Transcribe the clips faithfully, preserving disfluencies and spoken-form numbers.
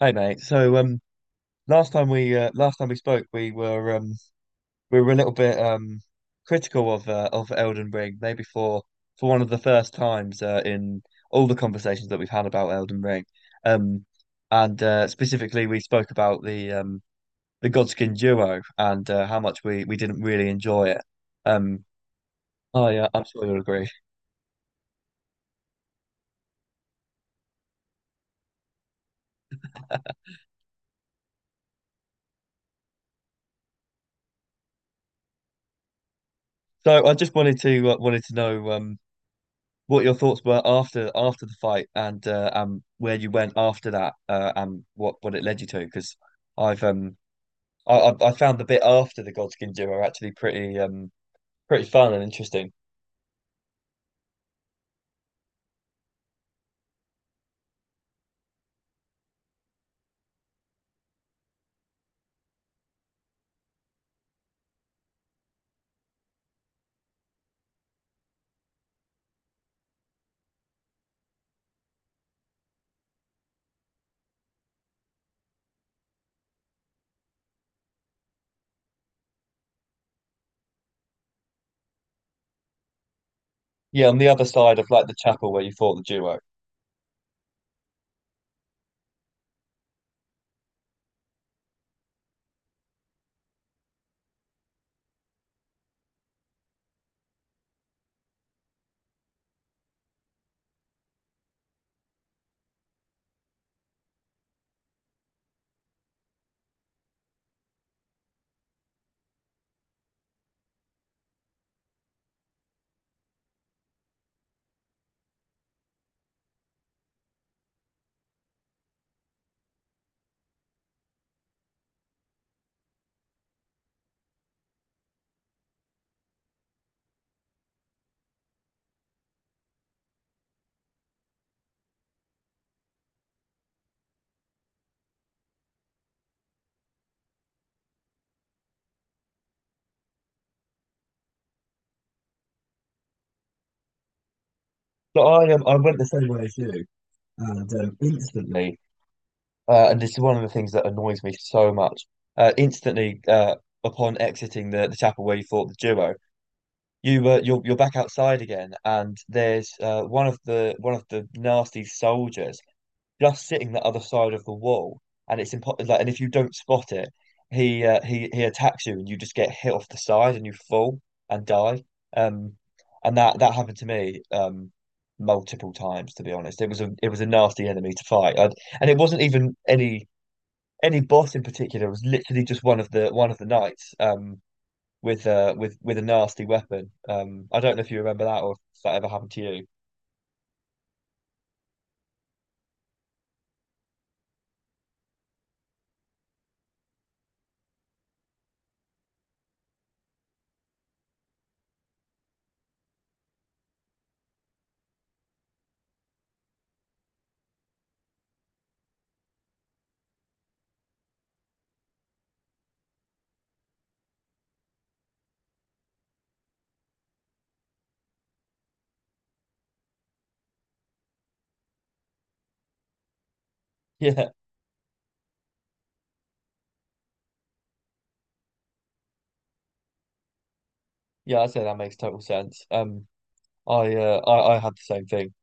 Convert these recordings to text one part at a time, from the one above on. Hey mate, so um, last time we uh, last time we spoke, we were um, we were a little bit um, critical of uh, of Elden Ring, maybe for for one of the first times uh, in all the conversations that we've had about Elden Ring, um, and uh, specifically we spoke about the um, the Godskin duo and uh, how much we, we didn't really enjoy it. Um, oh yeah, I'm sure you'll agree. So I just wanted to uh, wanted to know um, what your thoughts were after after the fight and uh, um where you went after that uh, and what what it led you to because I've um I I- found the bit after the Godskin duo actually pretty um pretty fun and interesting. Yeah, on the other side of like the chapel where you fought the duo. But I um I went the same way as you and um, instantly uh, and this is one of the things that annoys me so much. Uh, instantly uh, upon exiting the, the chapel where you fought the duo you were you're you're back outside again, and there's uh, one of the one of the nasty soldiers just sitting the other side of the wall, and it's impossible. Like, and if you don't spot it, he uh, he he attacks you, and you just get hit off the side, and you fall and die. Um, and that that happened to me um multiple times, to be honest. It was a it was a nasty enemy to fight, I and it wasn't even any any boss in particular. It was literally just one of the one of the knights. Um, with uh with with a nasty weapon. Um, I don't know if you remember that or if that ever happened to you. Yeah, yeah, I'd say that makes total sense. Um, I uh I, I had the same thing.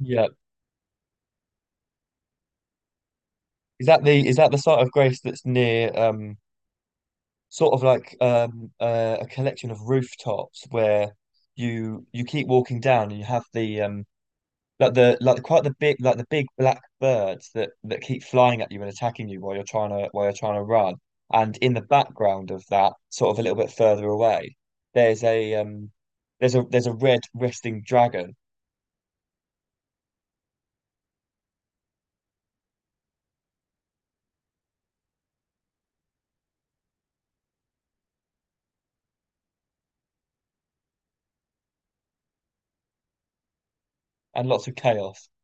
Yeah, is that the is that the site of grace that's near um sort of like um uh, a collection of rooftops where you you keep walking down and you have the um like the like the, quite the big like the big black birds that that keep flying at you and attacking you while you're trying to while you're trying to run. And in the background of that, sort of a little bit further away, there's a um there's a there's a red resting dragon and lots of chaos.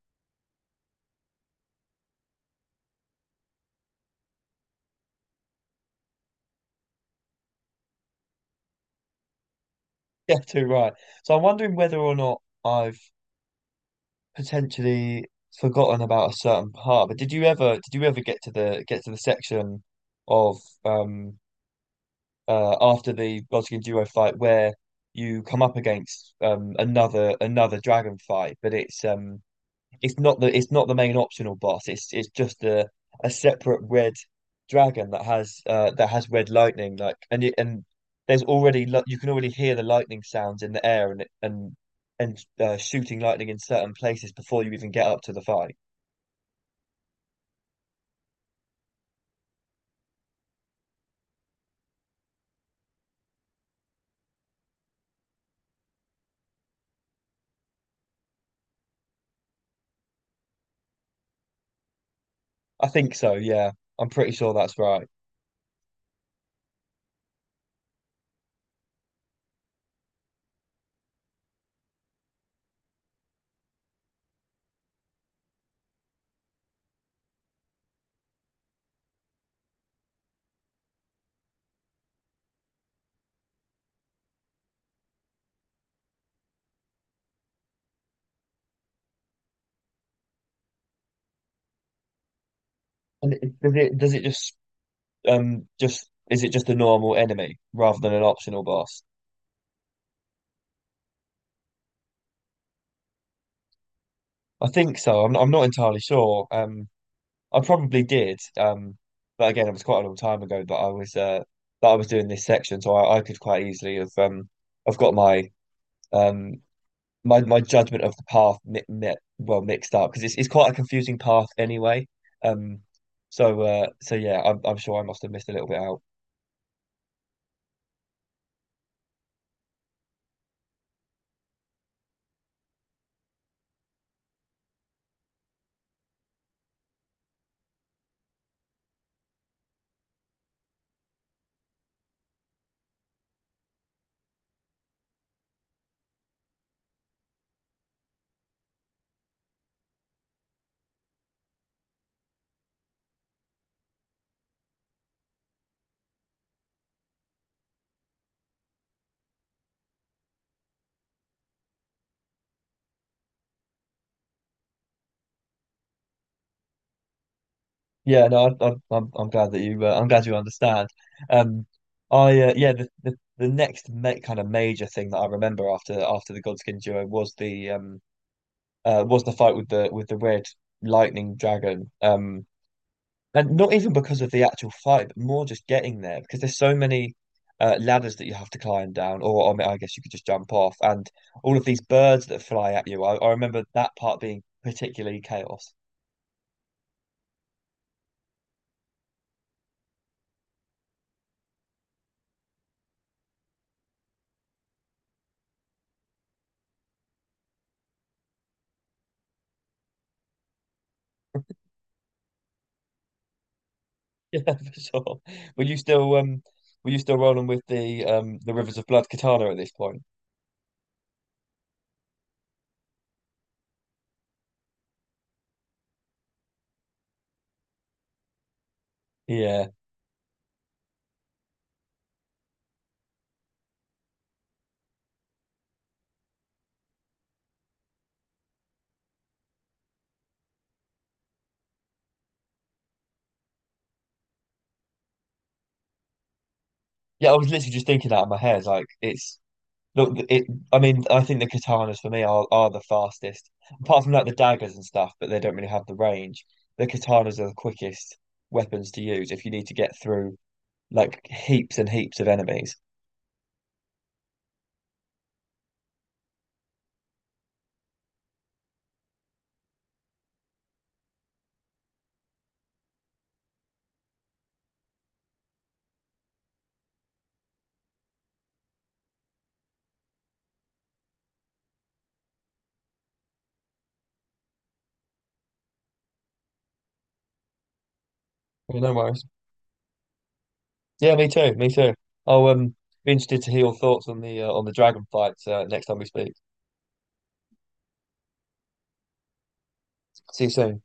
Yeah, too right. So I'm wondering whether or not I've potentially forgotten about a certain part. But did you ever did you ever get to the get to the section of um uh, after the Godskin Duo fight where you come up against um, another another dragon fight, but it's um it's not the it's not the main optional boss. It's it's just a a separate red dragon that has uh that has red lightning like and it, and there's already li- you can already hear the lightning sounds in the air and and and uh, shooting lightning in certain places before you even get up to the fight. I think so, yeah. I'm pretty sure that's right. And it, does it does it just um just is it just a normal enemy rather than an optional boss? I think so. I'm I'm not entirely sure. Um, I probably did. Um, but again, it was quite a long time ago that I was uh that I was doing this section, so I, I could quite easily have um I've got my um my my judgment of the path mi mi well mixed up because it's it's quite a confusing path anyway. Um, so uh so yeah, I'm I'm sure I must have missed a little bit out. Yeah, no, I, I, I'm I'm glad that you uh, I'm glad you understand. Um, I uh, yeah, the, the the next ma kind of major thing that I remember after after the Godskin duo was the um uh was the fight with the with the red lightning dragon. Um, and not even because of the actual fight, but more just getting there because there's so many uh ladders that you have to climb down, or I mean, I guess you could just jump off, and all of these birds that fly at you. I, I remember that part being particularly chaos. Yeah, for sure. Were you still um were you still rolling with the um the Rivers of Blood katana at this point? Yeah. Yeah, I was literally just thinking that in my head. Like it's look it I mean, I think the katanas for me are are the fastest. Apart from like the daggers and stuff, but they don't really have the range. The katanas are the quickest weapons to use if you need to get through like heaps and heaps of enemies. Yeah, no worries. Yeah, me too, me too. I'll um be interested to hear your thoughts on the uh, on the dragon fights uh, next time we speak. See you soon.